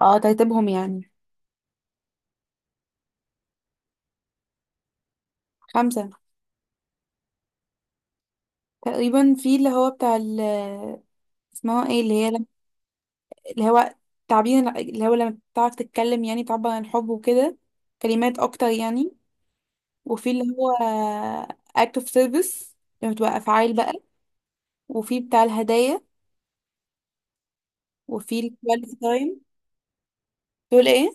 اه، ترتيبهم يعني. خمسة. تقريبا في اللي هو بتاع ال، اسمها ايه اللي هي لم... اللي هو تعبير، اللي هو لما بتعرف تتكلم يعني تعبر عن الحب وكده، كلمات اكتر يعني. وفي اللي هو act of service لما تبقى افعال بقى. وفي بتاع الهدايا. وفي ال quality time. دول ايه.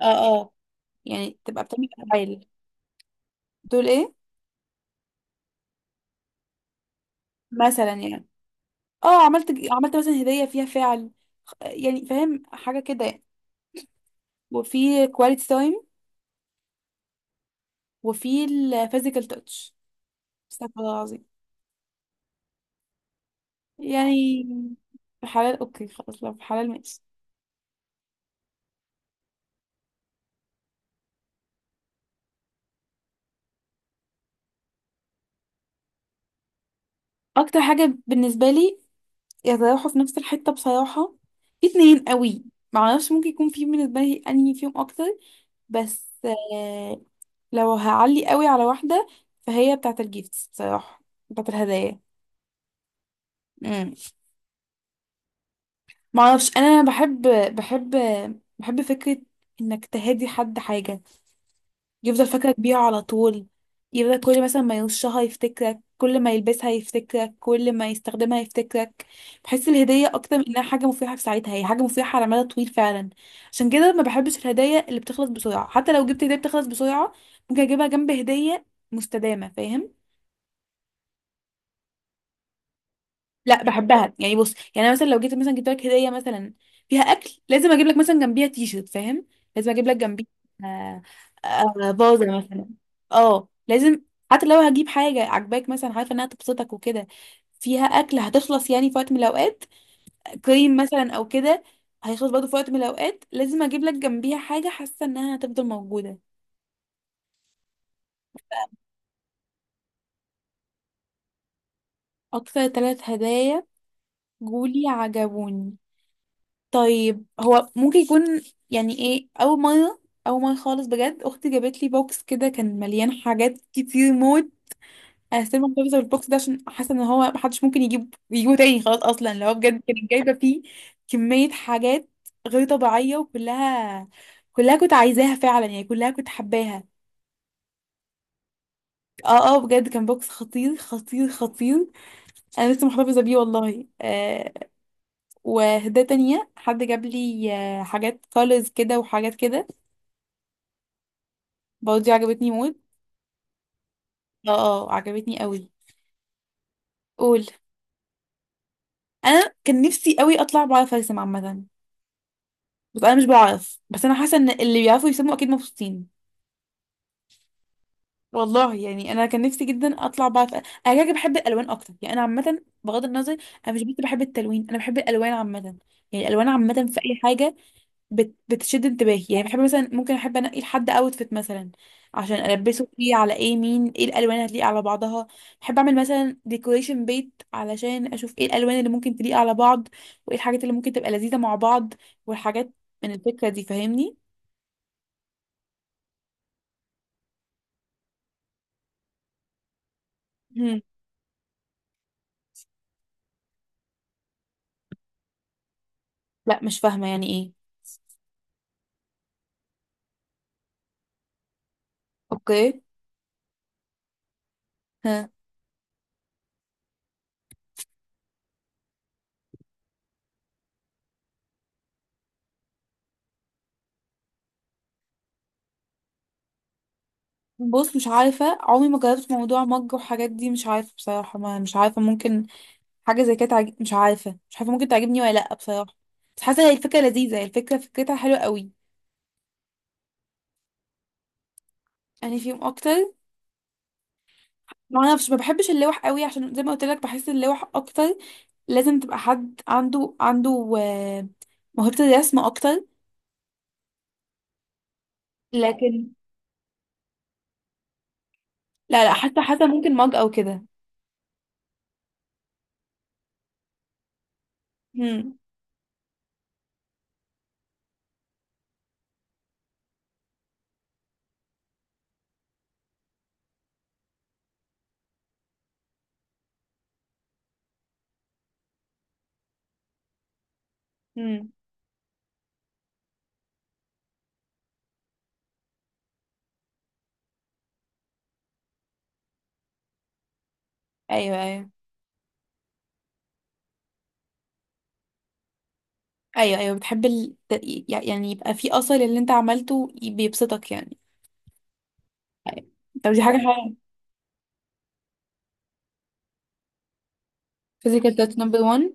اه، اه، يعني تبقى بتعمل افعال. دول ايه. مثلا يعني. اه، عملت مثلا هدية فيها فعل، يعني فاهم حاجة كده يعني. وفي quality time. وفي الفيزيكال تاتش. استغفر الله العظيم. يعني. حلال اوكي خلاص، لو في حلال ماشي. اكتر حاجه بالنسبه لي يتراوحوا في نفس الحته بصراحه. في اتنين قوي. معرفش ممكن يكون في بالنسبه لي انهي فيهم اكتر، بس لو هعلي قوي على واحده، فهي بتاعه الجيفتس بصراحه، بتاعه الهدايا. امم معرفش، انا بحب بحب فكره انك تهدي حد حاجه يفضل فاكرك بيها على طول. يفضل كل مثلا ما يرشها يفتكرك، كل ما يلبسها يفتكرك، كل ما يستخدمها يفتكرك. بحس الهدية أكتر من إنها حاجة مفيدة في ساعتها، هي حاجة مفيدة على مدى طويل فعلا. عشان كده ما بحبش الهدايا اللي بتخلص بسرعة. حتى لو جبت هدية بتخلص بسرعة، ممكن أجيبها جنب هدية مستدامة، فاهم. لا بحبها. يعني بص، يعني انا مثلا لو جيت مثلا جبت لك هديه مثلا فيها اكل، لازم اجيب لك مثلا جنبيها تي شيرت، فاهم؟ لازم اجيب لك جنبيها، آه، فازه مثلا. اه لازم. حتى لو هجيب حاجه عجباك مثلا عارفه انها تبسطك وكده، فيها اكل هتخلص يعني في وقت من الاوقات. كريم مثلا او كده هيخلص برضه في وقت من الاوقات. لازم اجيب لك جنبيها حاجه حاسه انها هتفضل موجوده. اكتر ثلاث هدايا جولي عجبوني. طيب، هو ممكن يكون يعني ايه، اول مره، اول مره خالص بجد اختي جابت لي بوكس كده كان مليان حاجات كتير موت. انا ستيل محتفظه بالبوكس ده عشان حاسه ان هو محدش ممكن يجيبه تاني خلاص، اصلا اللي هو بجد كانت جايبه فيه كميه حاجات غير طبيعيه. وكلها كنت عايزاها فعلا، يعني كلها كنت حباها. اه، اه بجد كان بوكس خطير خطير خطير. انا لسه محتفظه بيه والله. وهدايا تانية حد جاب لي، حاجات كولرز كده وحاجات كده، برضه دي عجبتني موت. اه، اه عجبتني قوي. قول. انا كان نفسي قوي اطلع بعرف ارسم عامه، بس انا مش بعرف. بس انا حاسه ان اللي بيعرفوا يرسموا اكيد مبسوطين. والله يعني انا كان نفسي جدا اطلع بعرف انا. كده كده بحب الالوان اكتر، يعني انا عامه بغض النظر. انا مش بس بحب التلوين، انا بحب الالوان عامه. يعني الالوان عامه في اي حاجه بتشد انتباهي. يعني بحب مثلا، ممكن احب انقي لحد اوتفيت مثلا عشان البسه، فيه على ايه، مين ايه الالوان اللي هتليق على بعضها. بحب اعمل مثلا ديكوريشن بيت علشان اشوف ايه الالوان اللي ممكن تليق على بعض، وايه الحاجات اللي ممكن تبقى لذيذة مع بعض، والحاجات، من الفكرة دي، فاهمني. هم. لا مش فاهمة يعني ايه. اوكي. ها. بص، مش عارفة، عمري ما جربت موضوع مج وحاجات دي، مش عارفة بصراحة. ما مش عارفة، ممكن حاجه زي كده مش عارفه، مش عارفه، ممكن تعجبني ولا لا بصراحه. بس حاسه هي الفكره لذيذه، هي الفكره فكرتها حلوه قوي. يعني فيهم اكتر. ما اعرفش، ما بحبش اللوح قوي عشان زي ما قلت لك بحس اللوح اكتر لازم تبقى حد عنده موهبه الرسم اكتر. لكن، لا لا، حتى ممكن مج او كده. هم، هم. ايوه ايوه ايوه ايوه. بتحب يعني يبقى في اثر اللي انت عملته بيبسطك يعني. طب دي حاجه حلوه. فيزيكال تاتش نمبر 1.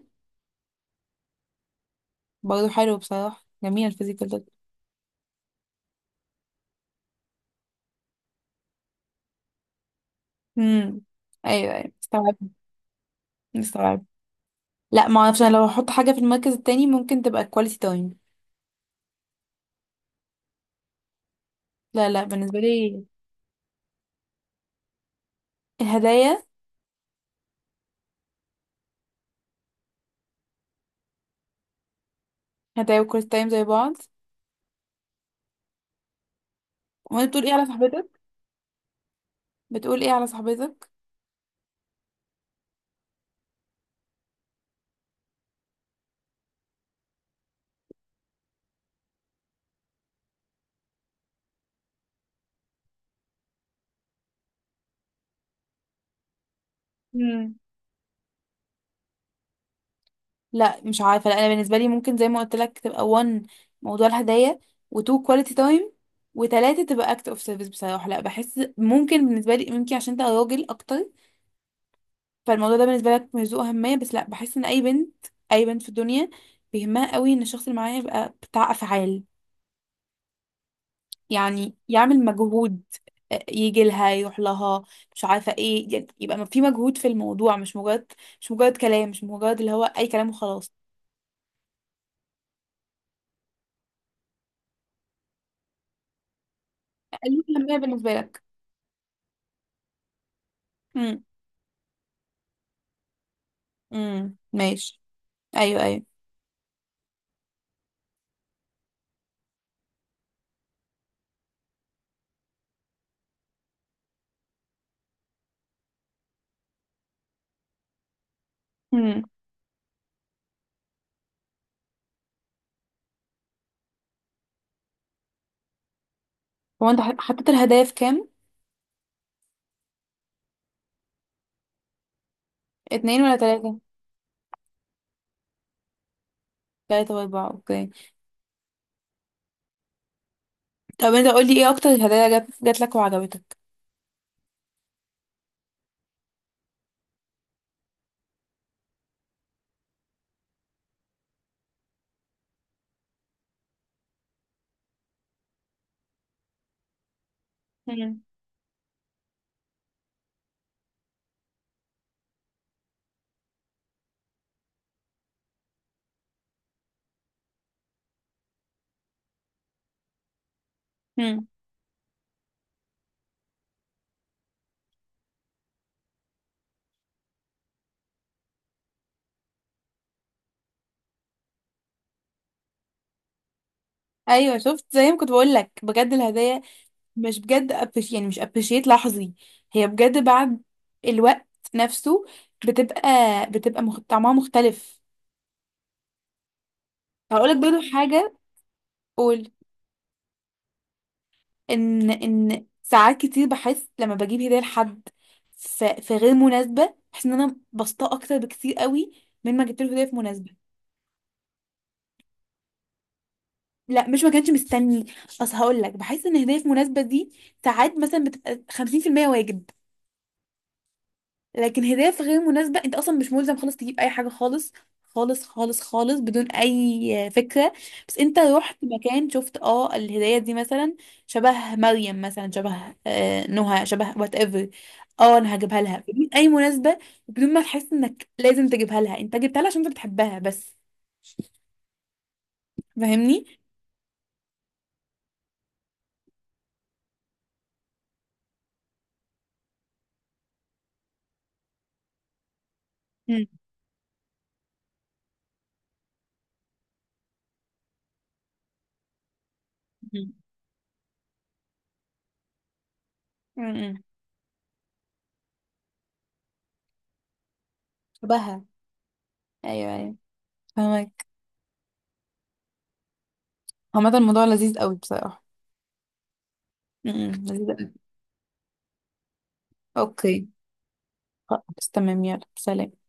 برضه حلو بصراحه، جميل الفيزيكال. امم ايوه ايوه مستوعب. مستوعب. لا، ما اعرفش، انا لو هحط حاجه في المركز التاني ممكن تبقى كواليتي تايم. لا لا، بالنسبه لي الهدايا. هدايا وكواليتي تايم زي بعض. وانت بتقول ايه على صاحبتك؟ بتقول ايه على صاحبتك؟ مم. لا مش عارفه، لا انا بالنسبه لي ممكن زي ما قلت لك تبقى 1 موضوع الهدايا، و2 كواليتي تايم، وتلاتة تبقى اكت اوف سيرفيس بصراحه. لا بحس ممكن بالنسبه لي، ممكن عشان انت راجل اكتر فالموضوع ده بالنسبه لك مش ذو اهميه، بس لا بحس ان اي بنت، اي بنت في الدنيا بيهمها قوي ان الشخص اللي معاها يبقى بتاع افعال، يعني يعمل مجهود، يجي لها، يروح لها، مش عارفه ايه، يعني يبقى في مجهود في الموضوع. مش مجرد، مش مجرد كلام، مش مجرد اللي هو اي كلام وخلاص. قليل اهميه بالنسبه لك. امم ماشي. ايوه ايوه. امم هو انت حطيت الهدايا في كام، اتنين ولا تلاته؟ تلاته واربعه، اوكي. طب انت قولي ايه اكتر هدايا جات لك وعجبتك. امم ايوه شفت زي ما كنت بقول لك، بجد الهدايا مش بجد أبش يعني، مش ابريشيت لحظي، هي بجد بعد الوقت نفسه بتبقى، طعمها مختلف. هقول لك برضه حاجه. قول. ان ساعات كتير بحس لما بجيب هديه لحد في غير مناسبه، بحس ان انا بسطاه اكتر بكتير قوي من ما جبت له هديه في مناسبه. لا مش ما كانش مستني، اصل هقول لك بحس ان هديه في مناسبه دي ساعات مثلا بتبقى 50% واجب، لكن هدايا في غير مناسبة انت اصلا مش ملزم خالص تجيب اي حاجة خالص خالص خالص خالص بدون اي فكرة. بس انت رحت مكان شفت اه الهدايا دي مثلا شبه مريم مثلا، شبه آه نهى، شبه وات ايفر، اه انا هجيبها لها بدون اي مناسبة وبدون ما تحس انك لازم تجيبها لها، انت جبتها لها عشان انت بتحبها بس. فاهمني؟ مم. مم. امم شبهها. ايوه ايوه، فاهمك. عامة الموضوع لذيذ قوي بصراحة. امم، لذيذة. اوكي. خلاص تمام، يلا سلام.